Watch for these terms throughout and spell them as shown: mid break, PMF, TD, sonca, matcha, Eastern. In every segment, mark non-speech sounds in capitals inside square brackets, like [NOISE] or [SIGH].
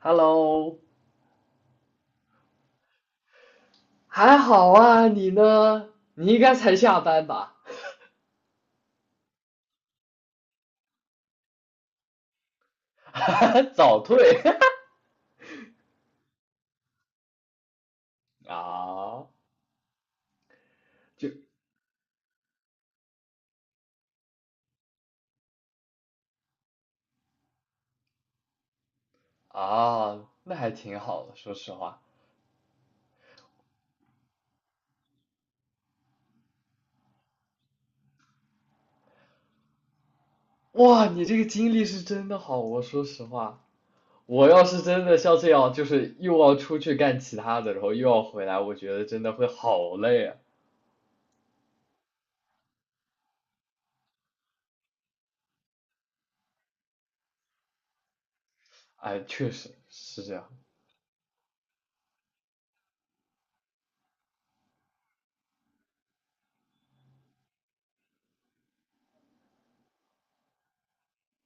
Hello，还好啊，你呢？你应该才下班吧？[LAUGHS] 哈哈，早退。 [LAUGHS] 啊，就啊，那还挺好的，说实话。哇，你这个经历是真的好，我说实话，我要是真的像这样，就是又要出去干其他的，然后又要回来，我觉得真的会好累啊。哎，确实是这样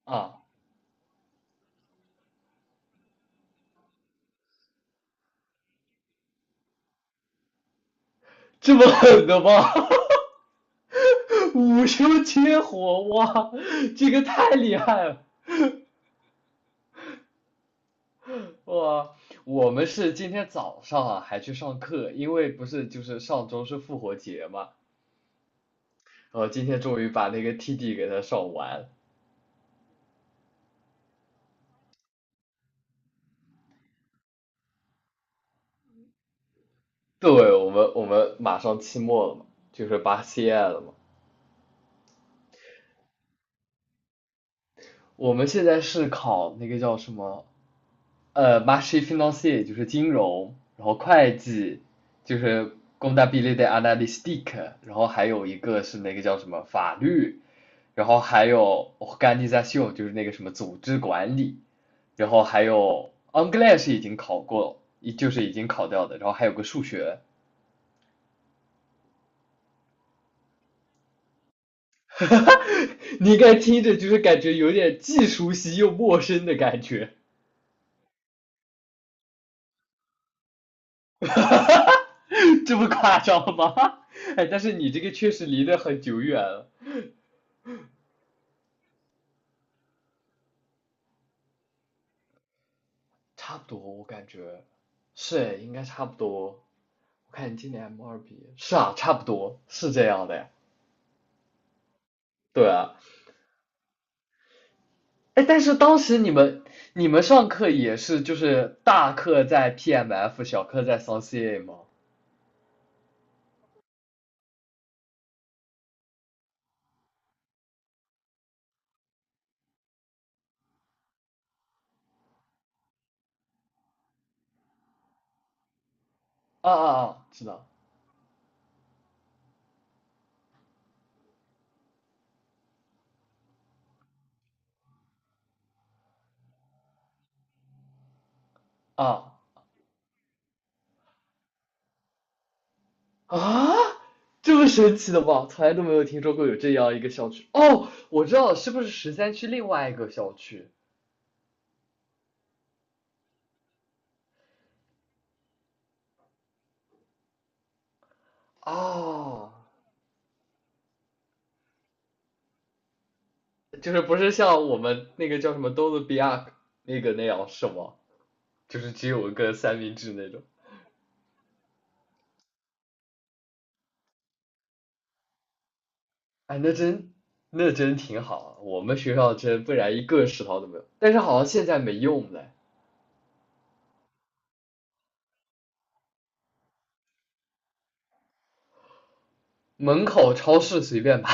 啊，这么狠的吗？[LAUGHS] 哈哈，午休切活，哇，这个太厉害了！哇，我们是今天早上啊还去上课，因为不是就是上周是复活节嘛，然后今天终于把那个 TD 给它上完。对，我们马上期末了嘛，就是八 CI 了嘛。我们现在是考那个叫什么，m a c h i financier 就是金融，然后会计就是工大 n t 的 b i l i t a n a l y s t i c 然后还有一个是那个叫什么法律，然后还有 o r g a n i i o n 就是那个什么组织管理。然后还有 English 已经考过，就是已经考掉的，然后还有个数学。[LAUGHS] 你应该听着就是感觉有点既熟悉又陌生的感觉。[LAUGHS] 这不夸张吗？[LAUGHS] 哎，但是你这个确实离得很久远了，差不多我感觉是应该差不多。我看你今年 M 二毕业，是啊，差不多是这样的呀。对啊，哎，但是当时你们上课也是就是大课在 PMF，小课在 s o n c a 吗？啊啊啊，知道啊啊，这么神奇的吗？从来都没有听说过有这样一个校区。哦，我知道了，是不是十三区另外一个校区？哦，就是不是像我们那个叫什么多伦比亚那个那样是吗？就是只有一个三明治那种。哎，那真挺好啊。我们学校真不然一个食堂都没有。但是好像现在没用了，门口超市随便买。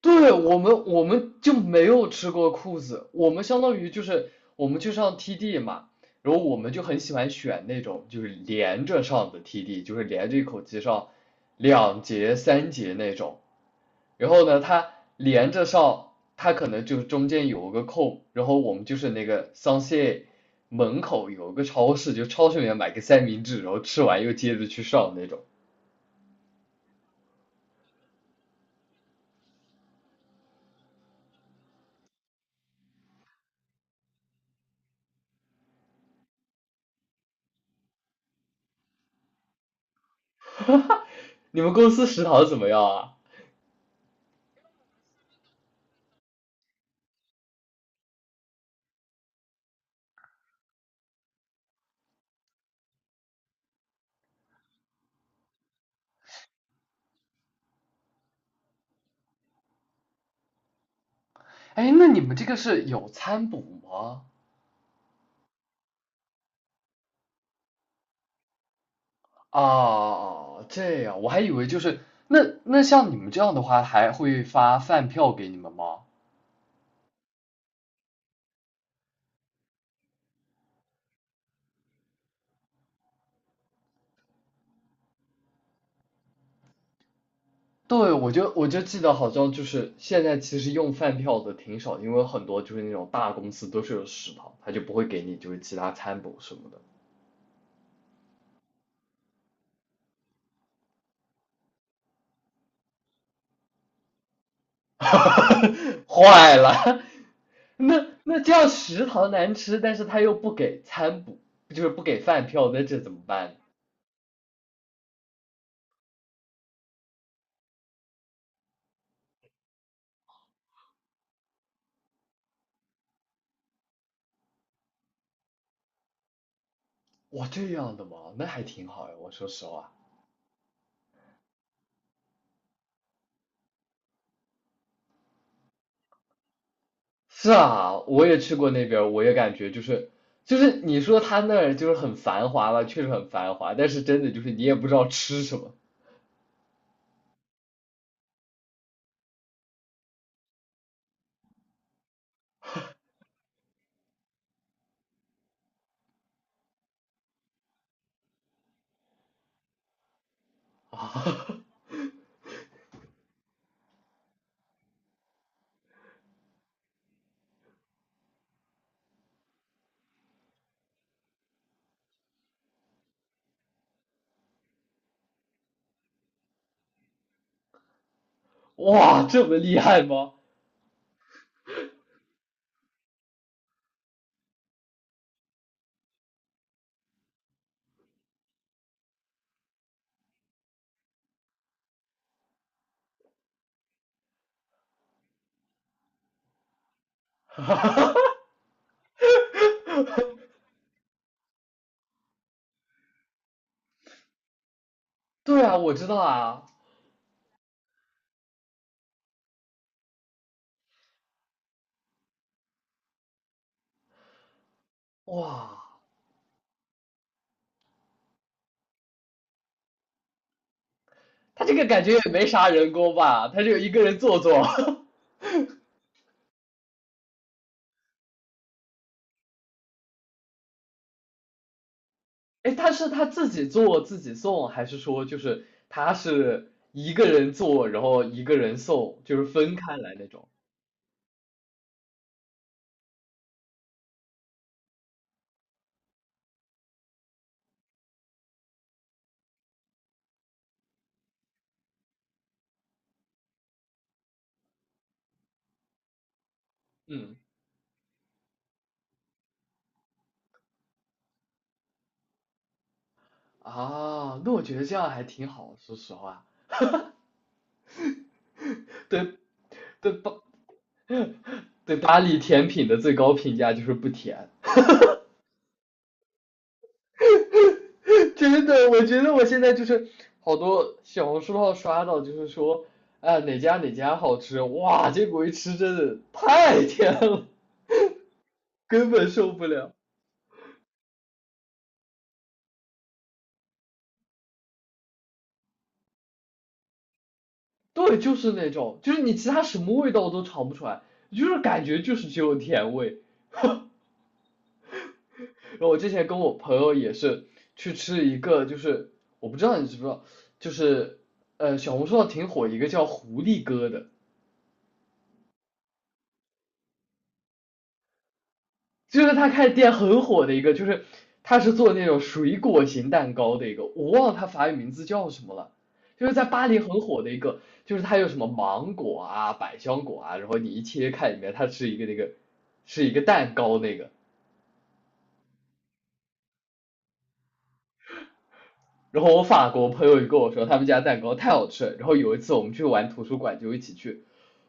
对，我们就没有吃过裤子，我们相当于就是我们去上 TD 嘛，然后我们就很喜欢选那种就是连着上的 TD，就是连着一口气上两节三节那种。然后呢，它连着上，它可能就中间有个空，然后我们就是那个桑谢门口有个超市，就超市里面买个三明治，然后吃完又接着去上那种。你们公司食堂怎么样啊？哎，那你们这个是有餐补吗？啊，这样，我还以为就是那像你们这样的话，还会发饭票给你们吗？对，我就记得好像就是现在其实用饭票的挺少，因为很多就是那种大公司都是有食堂，他就不会给你就是其他餐补什么的。[LAUGHS] 坏了，那这样食堂难吃，但是他又不给餐补，就是不给饭票，那这怎么办？哇，这样的吗？那还挺好呀，我说实话。是啊，我也去过那边儿我也感觉就是你说他那儿就是很繁华了，确实很繁华，但是真的就是你也不知道吃什么啊。[LAUGHS] 哇，这么厉害吗？对啊，我知道啊。哇，他这个感觉也没啥人工吧，他就一个人做做。[LAUGHS] 哎，他是他自己做自己送，还是说就是他是一个人做，然后一个人送，就是分开来那种？嗯，啊，那我觉得这样还挺好，说实话。对。对巴对巴黎甜品的最高评价就是不甜。[LAUGHS] 真的，我觉得我现在就是好多小红书上刷到，就是说，哎哪家哪家好吃，哇，结果一吃真的太甜了，根本受不了。对，就是那种，就是你其他什么味道都尝不出来，就是感觉就是只有甜味。然后我之前跟我朋友也是去吃一个，就是我不知道你知不知道，就是小红书上挺火一个叫狐狸哥的。就是他开的店很火的一个，就是他是做那种水果型蛋糕的一个，我忘了他法语名字叫什么了，就是在巴黎很火的一个，就是他有什么芒果啊、百香果啊，然后你一切开里面它是一个那个是一个蛋糕那个。然后我法国朋友也跟我说，他们家蛋糕太好吃了。然后有一次我们去玩图书馆，就一起去，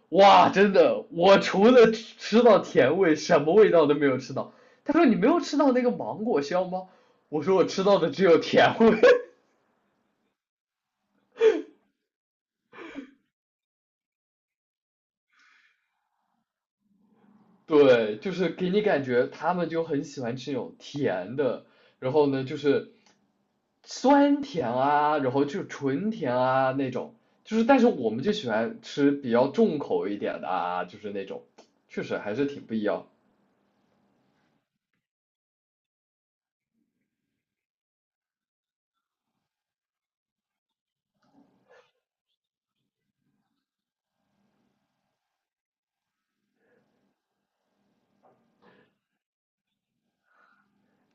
哇，真的，我除了吃到甜味，什么味道都没有吃到。他说你没有吃到那个芒果香吗？我说我吃到的只有甜味。[LAUGHS] 对，就是给你感觉他们就很喜欢吃那种甜的，然后呢就是酸甜啊，然后就是纯甜啊那种，就是但是我们就喜欢吃比较重口一点的啊，就是那种，确实还是挺不一样。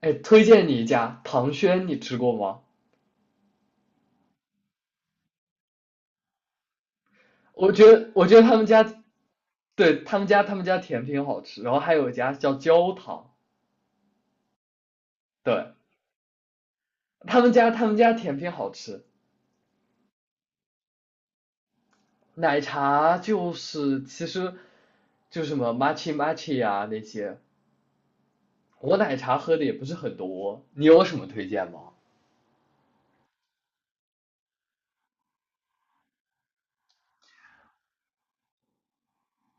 哎，推荐你一家唐轩，你吃过吗？我觉得他们家，对，他们家甜品好吃，然后还有一家叫焦糖，对，他们家甜品好吃。奶茶就是其实就是什么 matcha 呀、那些，我奶茶喝的也不是很多，你有什么推荐吗？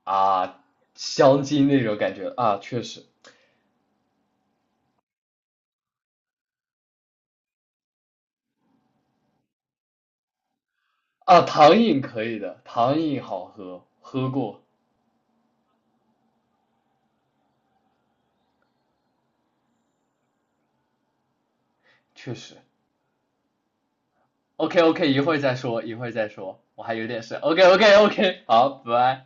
啊，香精那种感觉啊，确实啊，糖饮可以的，糖饮好喝，喝过，确实。OK OK，一会儿再说，一会儿再说，我还有点事。OK OK OK，好，拜拜。